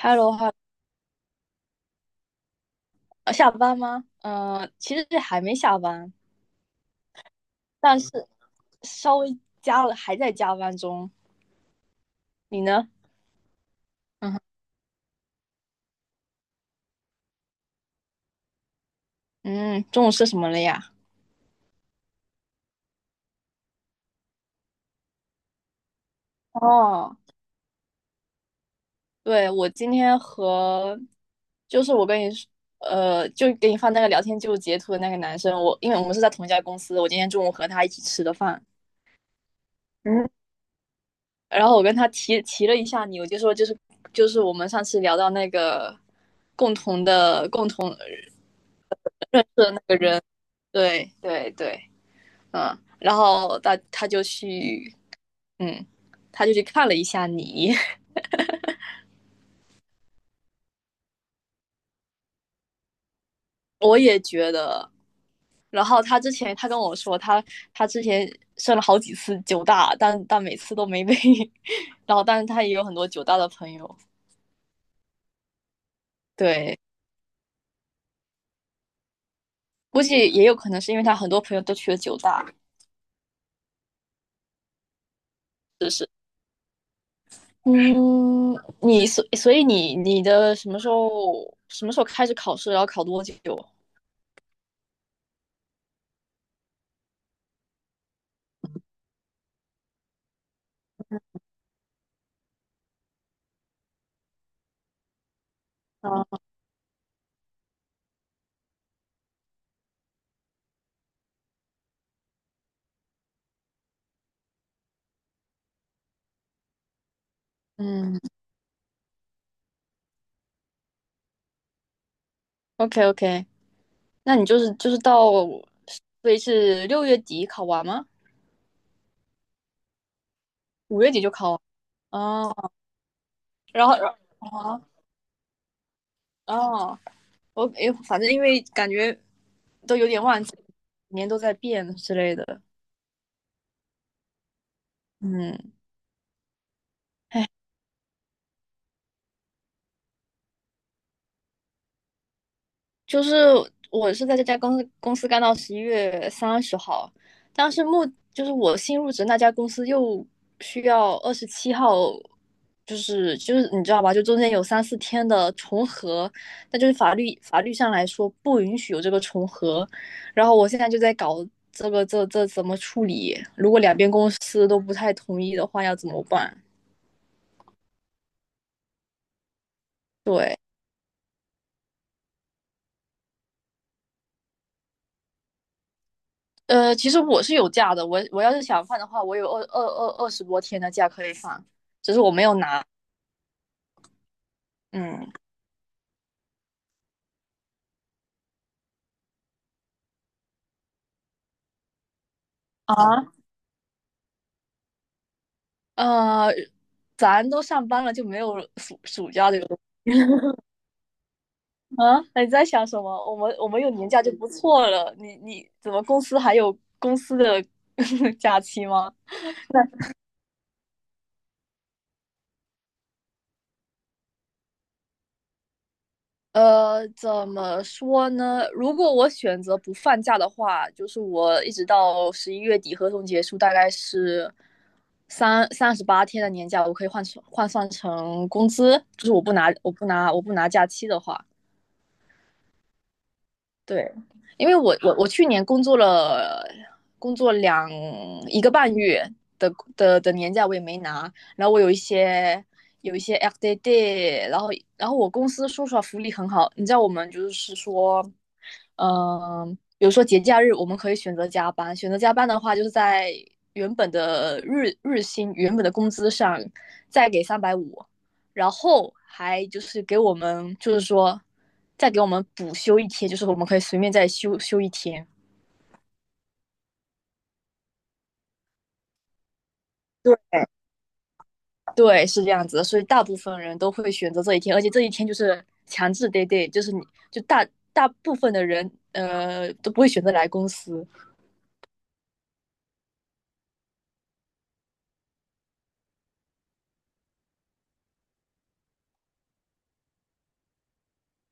h 喽，哈，下班吗？嗯，其实还没下班，但是稍微加了，还在加班中。你呢？嗯哼。嗯，中午吃什么了呀？哦，对，我今天和，就是我跟你说，就给你发那个聊天记录截图的那个男生，我因为我们是在同一家公司，我今天中午和他一起吃的饭。嗯，然后我跟他提了一下你，我就说就是我们上次聊到那个共同的那个，对对对。嗯，然后他就去，嗯，他就去看了一下你，我也觉得。然后他之前他跟我说，他之前上了好几次九大，但每次都没被。然后，但是他也有很多九大的朋友，对，估计也有可能是因为他很多朋友都去了九大，是不是？嗯，你所以你的什么时候开始考试，然后考多久？啊，嗯，OK OK，那你就是到，所以是六月底考完吗？五月底就考完。哦，然后哦，我哎，反正因为感觉都有点忘记，每年都在变之类的，嗯，哎，就是我是在这家公司干到11月30号，但是就是我新入职那家公司又需要27号，就是你知道吧，就中间有三四天的重合，那就是法律上来说不允许有这个重合，然后我现在就在搞这个怎么处理，如果两边公司都不太同意的话要怎么办？对。其实我是有假的，我要是想放的话，我有20多天的假可以放，只是我没有拿。嗯，啊，呃，咱都上班了，就没有暑假这个东西。 啊？你在想什么？我们有年假就不错了，你怎么公司还有公司的 假期吗？怎么说呢？如果我选择不放假的话，就是我一直到十一月底合同结束，大概是38天的年假，我可以换算成工资，就是我不拿假期的话，对，因为我去年工作了工作两一个半月的的年假我也没拿，然后我有一些FDAD， 然后我公司说实话福利很好，你知道我们就是说，嗯、比如说节假日我们可以选择加班，选择加班的话就是在原本的日薪原本的工资上再给三百五，然后还就是给我们就是说再给我们补休一天，就是我们可以随便再休一天。对对，是这样子的，所以大部分人都会选择这一天，而且这一天就是强制 day day，就是就大大部分的人都不会选择来公司。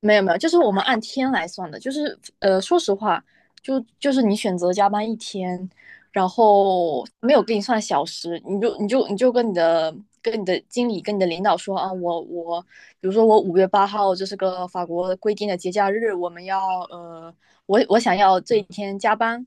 没有没有，就是我们按天来算的，就是说实话，就是你选择加班一天，然后没有给你算小时，你就跟你的经理跟你的领导说啊，我比如说我5月8号这是个法国规定的节假日，我们要呃，我想要这一天加班，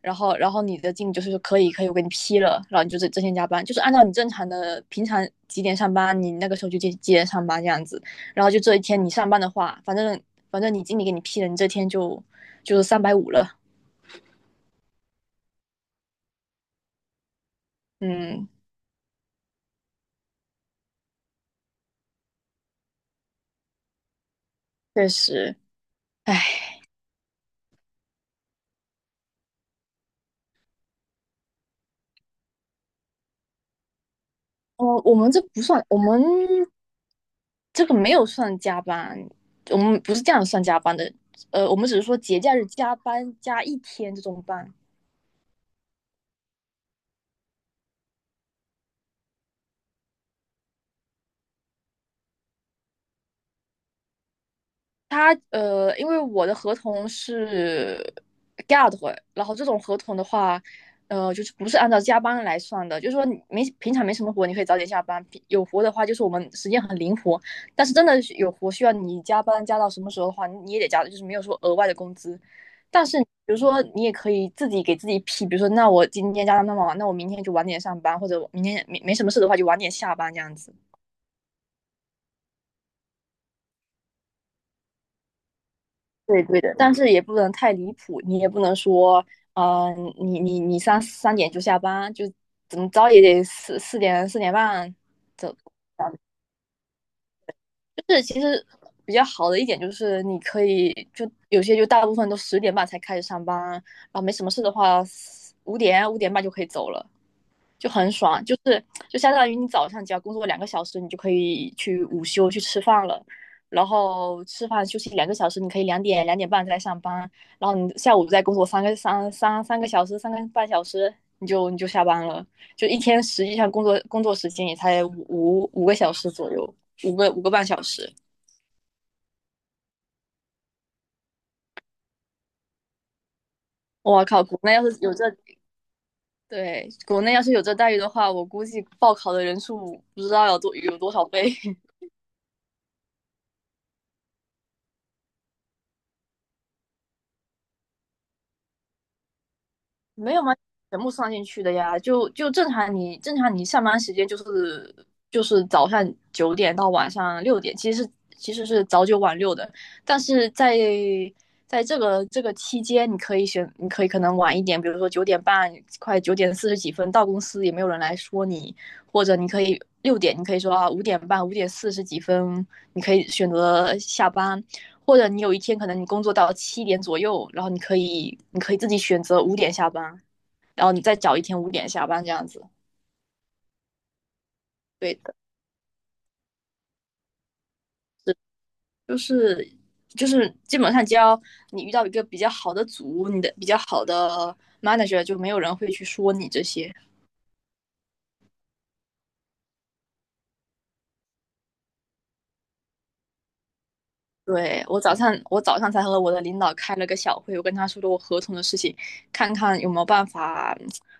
然后你的经理就是说可以可以，我给你批了，然后你就这天加班，就是按照你正常的平常几点上班，你那个时候就几点上班这样子。然后就这一天你上班的话，反正你经理给你批了，你这天就是三百五了。嗯，确实，哎，我们这不算，我们这个没有算加班，我们不是这样算加班的。我们只是说节假日加班加一天这种班，因为我的合同是 GUAR， 然后这种合同的话，就是不是按照加班来算的，就是说你没平常没什么活，你可以早点下班；平有活的话，就是我们时间很灵活。但是真的是有活需要你加班加到什么时候的话，你也得加，就是没有说额外的工资。但是比如说你也可以自己给自己批，比如说那我今天加班那么晚，那我明天就晚点上班，或者我明天没什么事的话就晚点下班这样子。对，对的，但是也不能太离谱，你也不能说，嗯，你三点就下班，就怎么着也得四点半走。就是其实比较好的一点就是你可以有些就大部分都十点半才开始上班，然后没什么事的话，五点半就可以走了。就很爽，就是就相当于你早上只要工作两个小时，你就可以去午休去吃饭了，然后吃饭休息两个小时，你可以两点半再上班，然后你下午再工作三个半小时，你你就下班了，就一天实际上工作时间也才五个小时左右，五个半小时。我靠，国内要是有这对，国内要是有这待遇的话，我估计报考的人数不知道有多少倍。没有吗？全部算进去的呀，就正常你上班时间就是早上九点到晚上六点，其实是早九晚六的，但是在这个期间，你可以选，你可以可能晚一点，比如说九点半，快九点四十几分到公司也没有人来说你，或者你可以六点，你可以说啊五点半、五点四十几分，你可以选择下班，或者你有一天可能你工作到七点左右，然后你可以自己选择五点下班。然后你再找一天五点下班这样子。对的，就是就是基本上只要你遇到一个比较好的组，你的比较好的 manager，就没有人会去说你这些。对，我早上才和我的领导开了个小会，我跟他说了我合同的事情，看看有没有办法，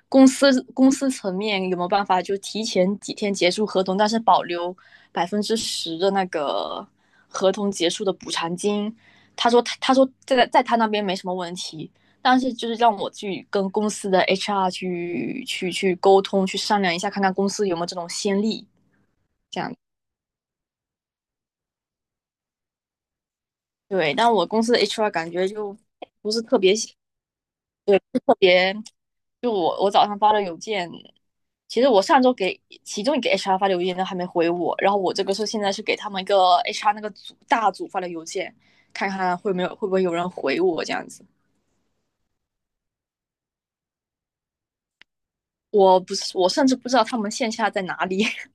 公司层面有没有办法就提前几天结束合同，但是保留10%的那个合同结束的补偿金。他说他说在他那边没什么问题，但是就是让我去跟公司的 HR 去沟通，去商量一下，看看公司有没有这种先例，这样。对，但我公司的 HR 感觉就不是特别。就我早上发的邮件，其实我上周给其中一个 HR 发的邮件都还没回我，然后我这个是现在是给他们一个 HR 那个组大组发的邮件，看看会不会有人回我这样子。我不是，我甚至不知道他们线下在哪里，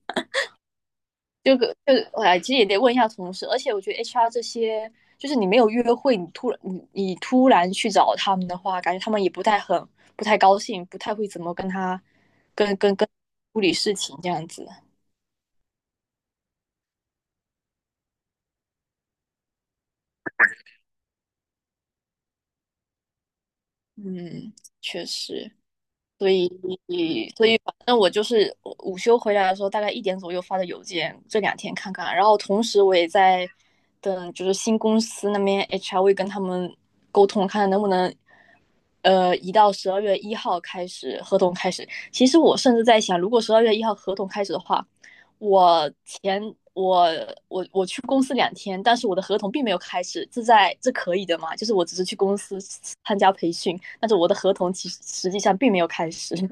就个就哎，其实也得问一下同事。而且我觉得 HR 这些，就是你没有约会，你突然你你突然去找他们的话，感觉他们也不太高兴，不太会怎么跟他跟跟跟处理事情这样子。嗯，确实，所以那我就是午休回来的时候，大概一点左右发的邮件，这两天看看。然后同时我也在等，就是新公司那边 HR 会跟他们沟通，看能不能移到十二月一号开始合同开始。其实我甚至在想，如果十二月一号合同开始的话，我前我我我去公司两天，但是我的合同并没有开始，在这可以的吗？就是我只是去公司参加培训，但是我的合同其实实际上并没有开始。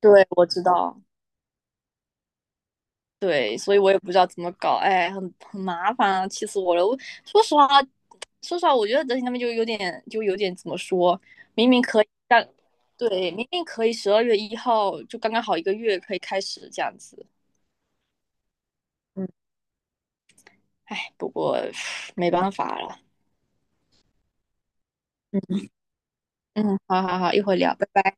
对，我知道。对，所以我也不知道怎么搞，哎，很麻烦啊，气死我了！我说实话，说实话，我觉得德勤他们就有点，就有点怎么说，明明可以，但对，明明可以十二月一号就刚刚好一个月可以开始这样子，嗯，哎，不过没办法了，嗯嗯，好好好，一会儿聊，拜拜。